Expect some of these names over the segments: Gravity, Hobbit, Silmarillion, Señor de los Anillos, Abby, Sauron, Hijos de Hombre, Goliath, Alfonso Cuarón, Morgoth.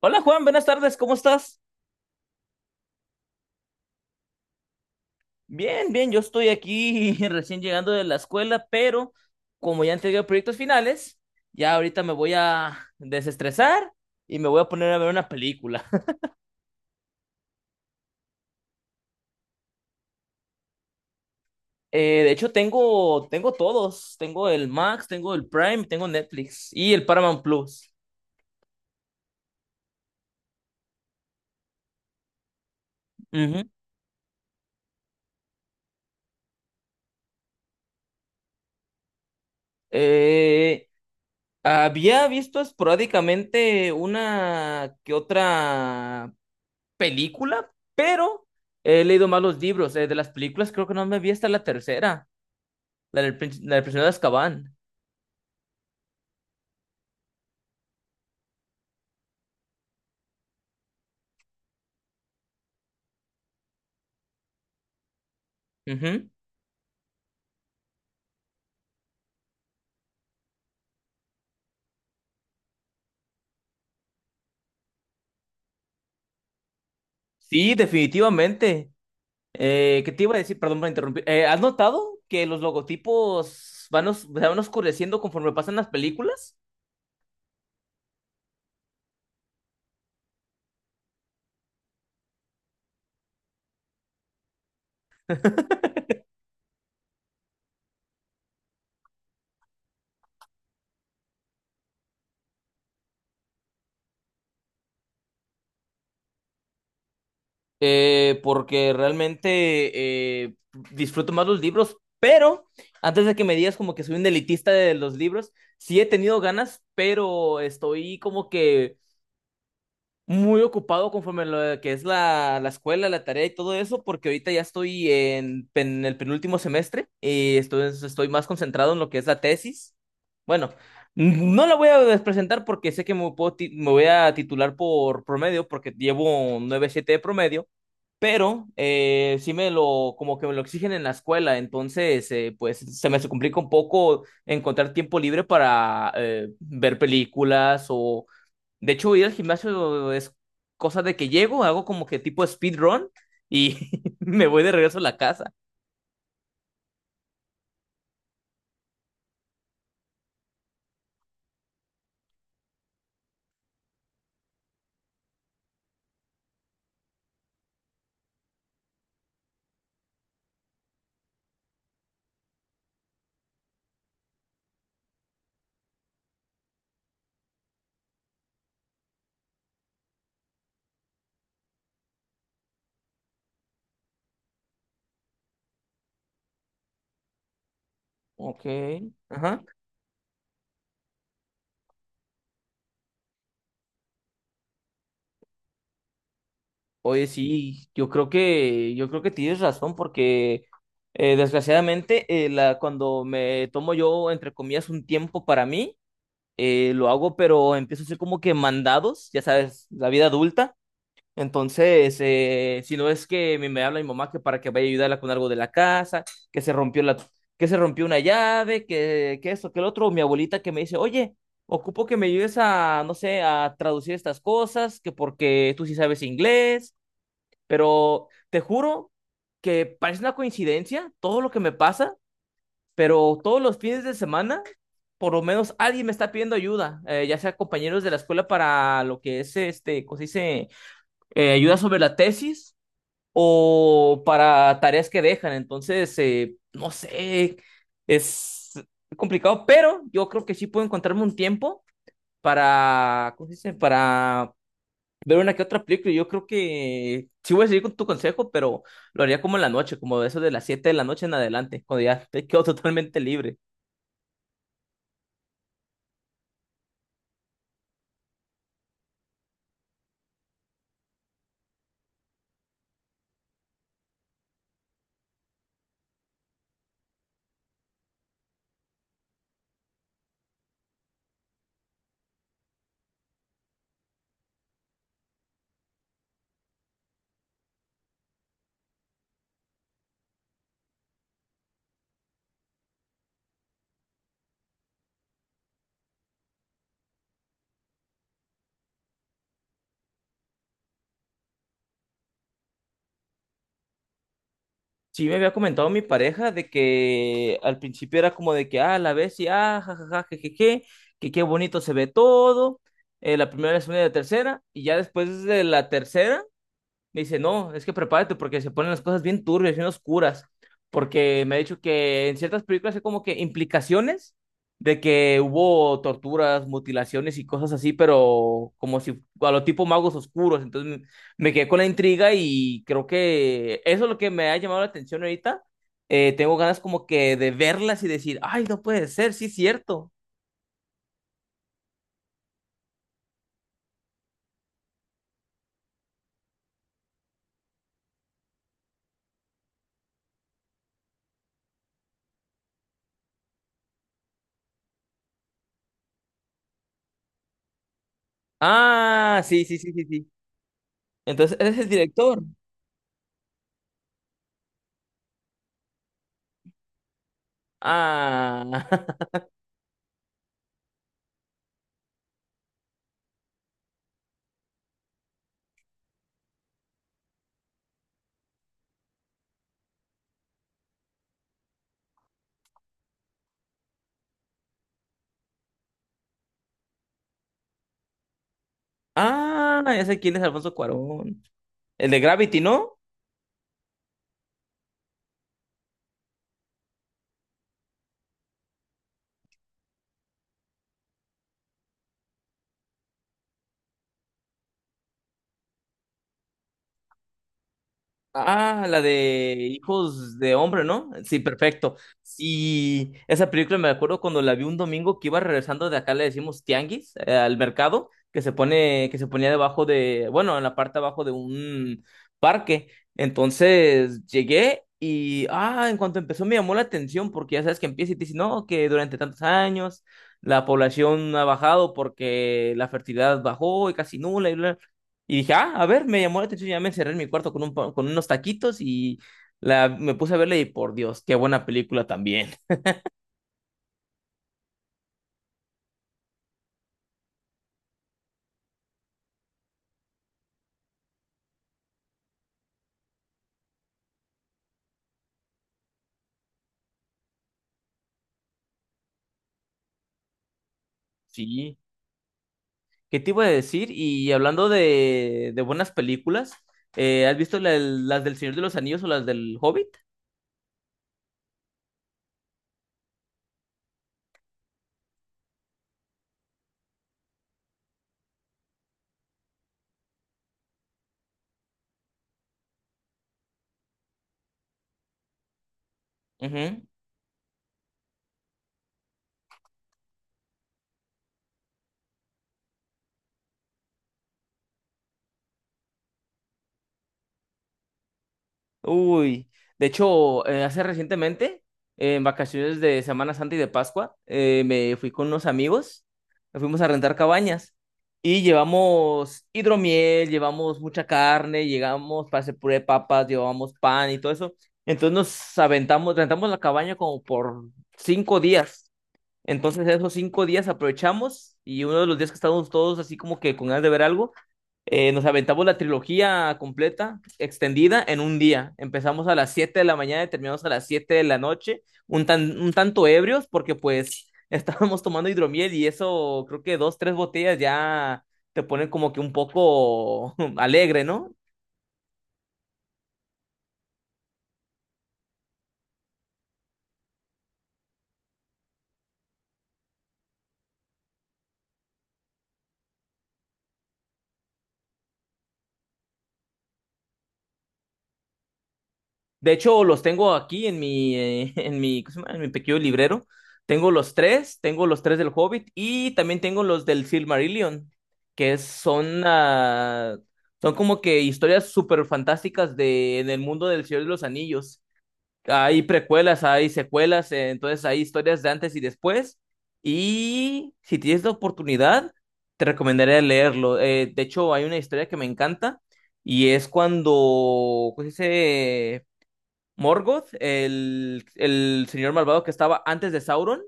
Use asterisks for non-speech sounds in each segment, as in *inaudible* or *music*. Hola Juan, buenas tardes, ¿cómo estás? Bien, bien, yo estoy aquí *laughs* recién llegando de la escuela, pero como ya entregué proyectos finales, ya ahorita me voy a desestresar y me voy a poner a ver una película. *laughs* De hecho, tengo todos, tengo el Max, tengo el Prime, tengo Netflix y el Paramount Plus. Ujú. Eh, Había visto esporádicamente una que otra película, pero he leído más los libros. De las películas creo que no me vi hasta la tercera, la del prisionero de Azkaban. Ujú. Sí, definitivamente. ¿Qué te iba a decir? Perdón por interrumpir. ¿Has notado que los logotipos se van oscureciendo conforme pasan las películas? Porque realmente eh, disfruto más los libros, pero antes de que me digas como que soy un elitista de los libros, sí he tenido ganas, pero estoy como que muy ocupado conforme lo de que es la escuela, la tarea y todo eso, porque ahorita ya estoy en el penúltimo semestre y estoy más concentrado en lo que es la tesis. Bueno, no la voy a presentar porque sé que me voy a titular por promedio, porque llevo un 9.7 de promedio, pero sí me lo, como que me lo exigen en la escuela, entonces pues se me complica un poco encontrar tiempo libre para ver películas o de hecho, ir al gimnasio es cosa de que llego, hago como que tipo speedrun y *laughs* me voy de regreso a la casa. Ok. Ajá. Oye, sí, yo creo que tienes razón porque desgraciadamente cuando me tomo yo, entre comillas, un tiempo para mí, lo hago, pero empiezo a hacer como que mandados, ya sabes, la vida adulta. Entonces, si no es que me habla mi mamá que para que vaya a ayudarla con algo de la casa, que se rompió la, que se rompió una llave, que esto, que el otro, mi abuelita que me dice, oye, ocupo que me ayudes a, no sé, a traducir estas cosas, que porque tú sí sabes inglés, pero te juro que parece una coincidencia todo lo que me pasa, pero todos los fines de semana, por lo menos alguien me está pidiendo ayuda, ya sea compañeros de la escuela para lo que es, este, ¿cómo se dice? Ayuda sobre la tesis o para tareas que dejan. Entonces, no sé, es complicado, pero yo creo que sí puedo encontrarme un tiempo para, ¿cómo se dice? Para ver una que otra película. Yo creo que sí voy a seguir con tu consejo, pero lo haría como en la noche, como de eso de las 7 de la noche en adelante, cuando ya te quedo *laughs* totalmente libre. Sí, me había comentado mi pareja de que al principio era como de que, ah, la ves y, ah, jajaja, jejeje, que qué bonito se ve todo, la primera, la segunda y la tercera, y ya después de la tercera me dice, no, es que prepárate porque se ponen las cosas bien turbias, bien oscuras. Porque me ha dicho que en ciertas películas hay como que implicaciones de que hubo torturas, mutilaciones y cosas así, pero como si a lo tipo magos oscuros. Entonces me quedé con la intriga y creo que eso es lo que me ha llamado la atención ahorita. Tengo ganas como que de verlas y decir, ay, no puede ser, sí es cierto. Ah, sí, sí, sí, sí, sí. Entonces, ese es el director. Ah. *laughs* Ah, ya sé quién es Alfonso Cuarón. El de Gravity, ¿no? Ah, la de Hijos de Hombre, ¿no? Sí, perfecto. Sí, esa película me acuerdo cuando la vi un domingo que iba regresando de acá, le decimos tianguis, al mercado, que se ponía debajo de, bueno, en la parte abajo de un parque. Entonces llegué y, ah, en cuanto empezó me llamó la atención porque ya sabes que empieza y te dice, no, que durante tantos años la población ha bajado porque la fertilidad bajó y casi nula. Y dije, ah, a ver, me llamó la atención, ya me encerré en mi cuarto con unos taquitos y me puse a verla y por Dios, qué buena película también. Sí, ¿qué te iba a decir? Y hablando de buenas películas, ¿has visto las del Señor de los Anillos o las del Hobbit? Ujú. Uy, de hecho, hace recientemente, en vacaciones de Semana Santa y de Pascua, me fui con unos amigos, nos fuimos a rentar cabañas y llevamos hidromiel, llevamos mucha carne, llegamos para hacer puré de papas, llevamos pan y todo eso. Entonces nos aventamos, rentamos la cabaña como por 5 días. Entonces esos 5 días aprovechamos y uno de los días que estábamos todos así como que con ganas de ver algo, nos aventamos la trilogía completa, extendida, en un día. Empezamos a las 7 de la mañana y terminamos a las 7 de la noche, un tanto ebrios porque pues *laughs* estábamos tomando hidromiel y eso creo que dos, tres botellas ya te ponen como que un poco *laughs* alegre, ¿no? De hecho, los tengo aquí en mi, *laughs* en mi, ¿cómo se llama? En mi pequeño librero. Tengo los tres del Hobbit y también tengo los del Silmarillion, que son como que historias súper fantásticas de, en el mundo del Señor de los Anillos. Hay precuelas, hay secuelas, entonces hay historias de antes y después. Y si tienes la oportunidad, te recomendaría leerlo. De hecho, hay una historia que me encanta y es cuando, pues, Morgoth, el señor malvado que estaba antes de Sauron,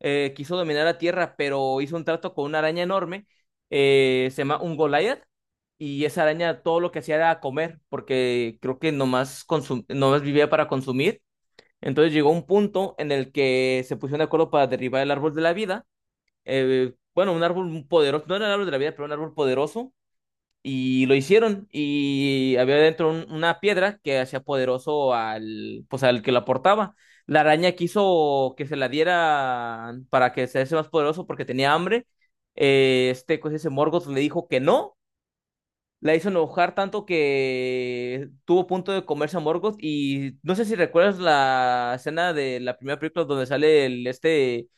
quiso dominar la tierra, pero hizo un trato con una araña enorme, se llama un Goliath, y esa araña todo lo que hacía era comer, porque creo que nomás, nomás vivía para consumir. Entonces llegó un punto en el que se pusieron de acuerdo para derribar el árbol de la vida. Bueno, un árbol poderoso, no era el árbol de la vida, pero un árbol poderoso y lo hicieron. Y había dentro una piedra que hacía poderoso al, pues al que la portaba. La araña quiso que se la diera para que se hace más poderoso porque tenía hambre. Pues ese Morgoth le dijo que no. La hizo enojar tanto que tuvo punto de comerse a Morgoth. Y no sé si recuerdas la escena de la primera película donde sale el, este,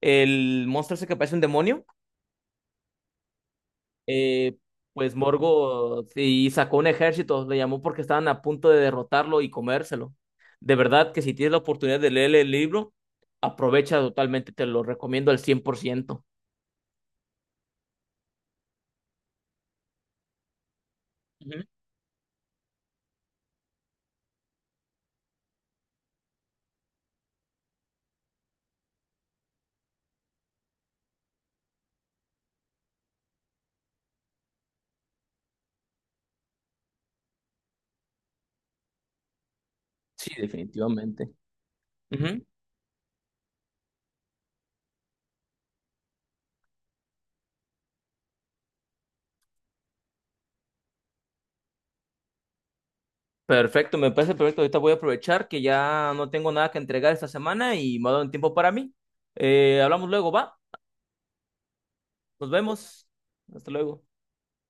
el monstruo ese que parece un demonio. eh, pues Morgoth y sacó un ejército, le llamó porque estaban a punto de derrotarlo y comérselo. De verdad que si tienes la oportunidad de leer el libro, aprovecha totalmente, te lo recomiendo al 100%. Ujú. Sí, definitivamente. Ujú. Perfecto, me parece perfecto. Ahorita voy a aprovechar que ya no tengo nada que entregar esta semana y me ha dado un tiempo para mí. Hablamos luego, va. Nos vemos. Hasta luego.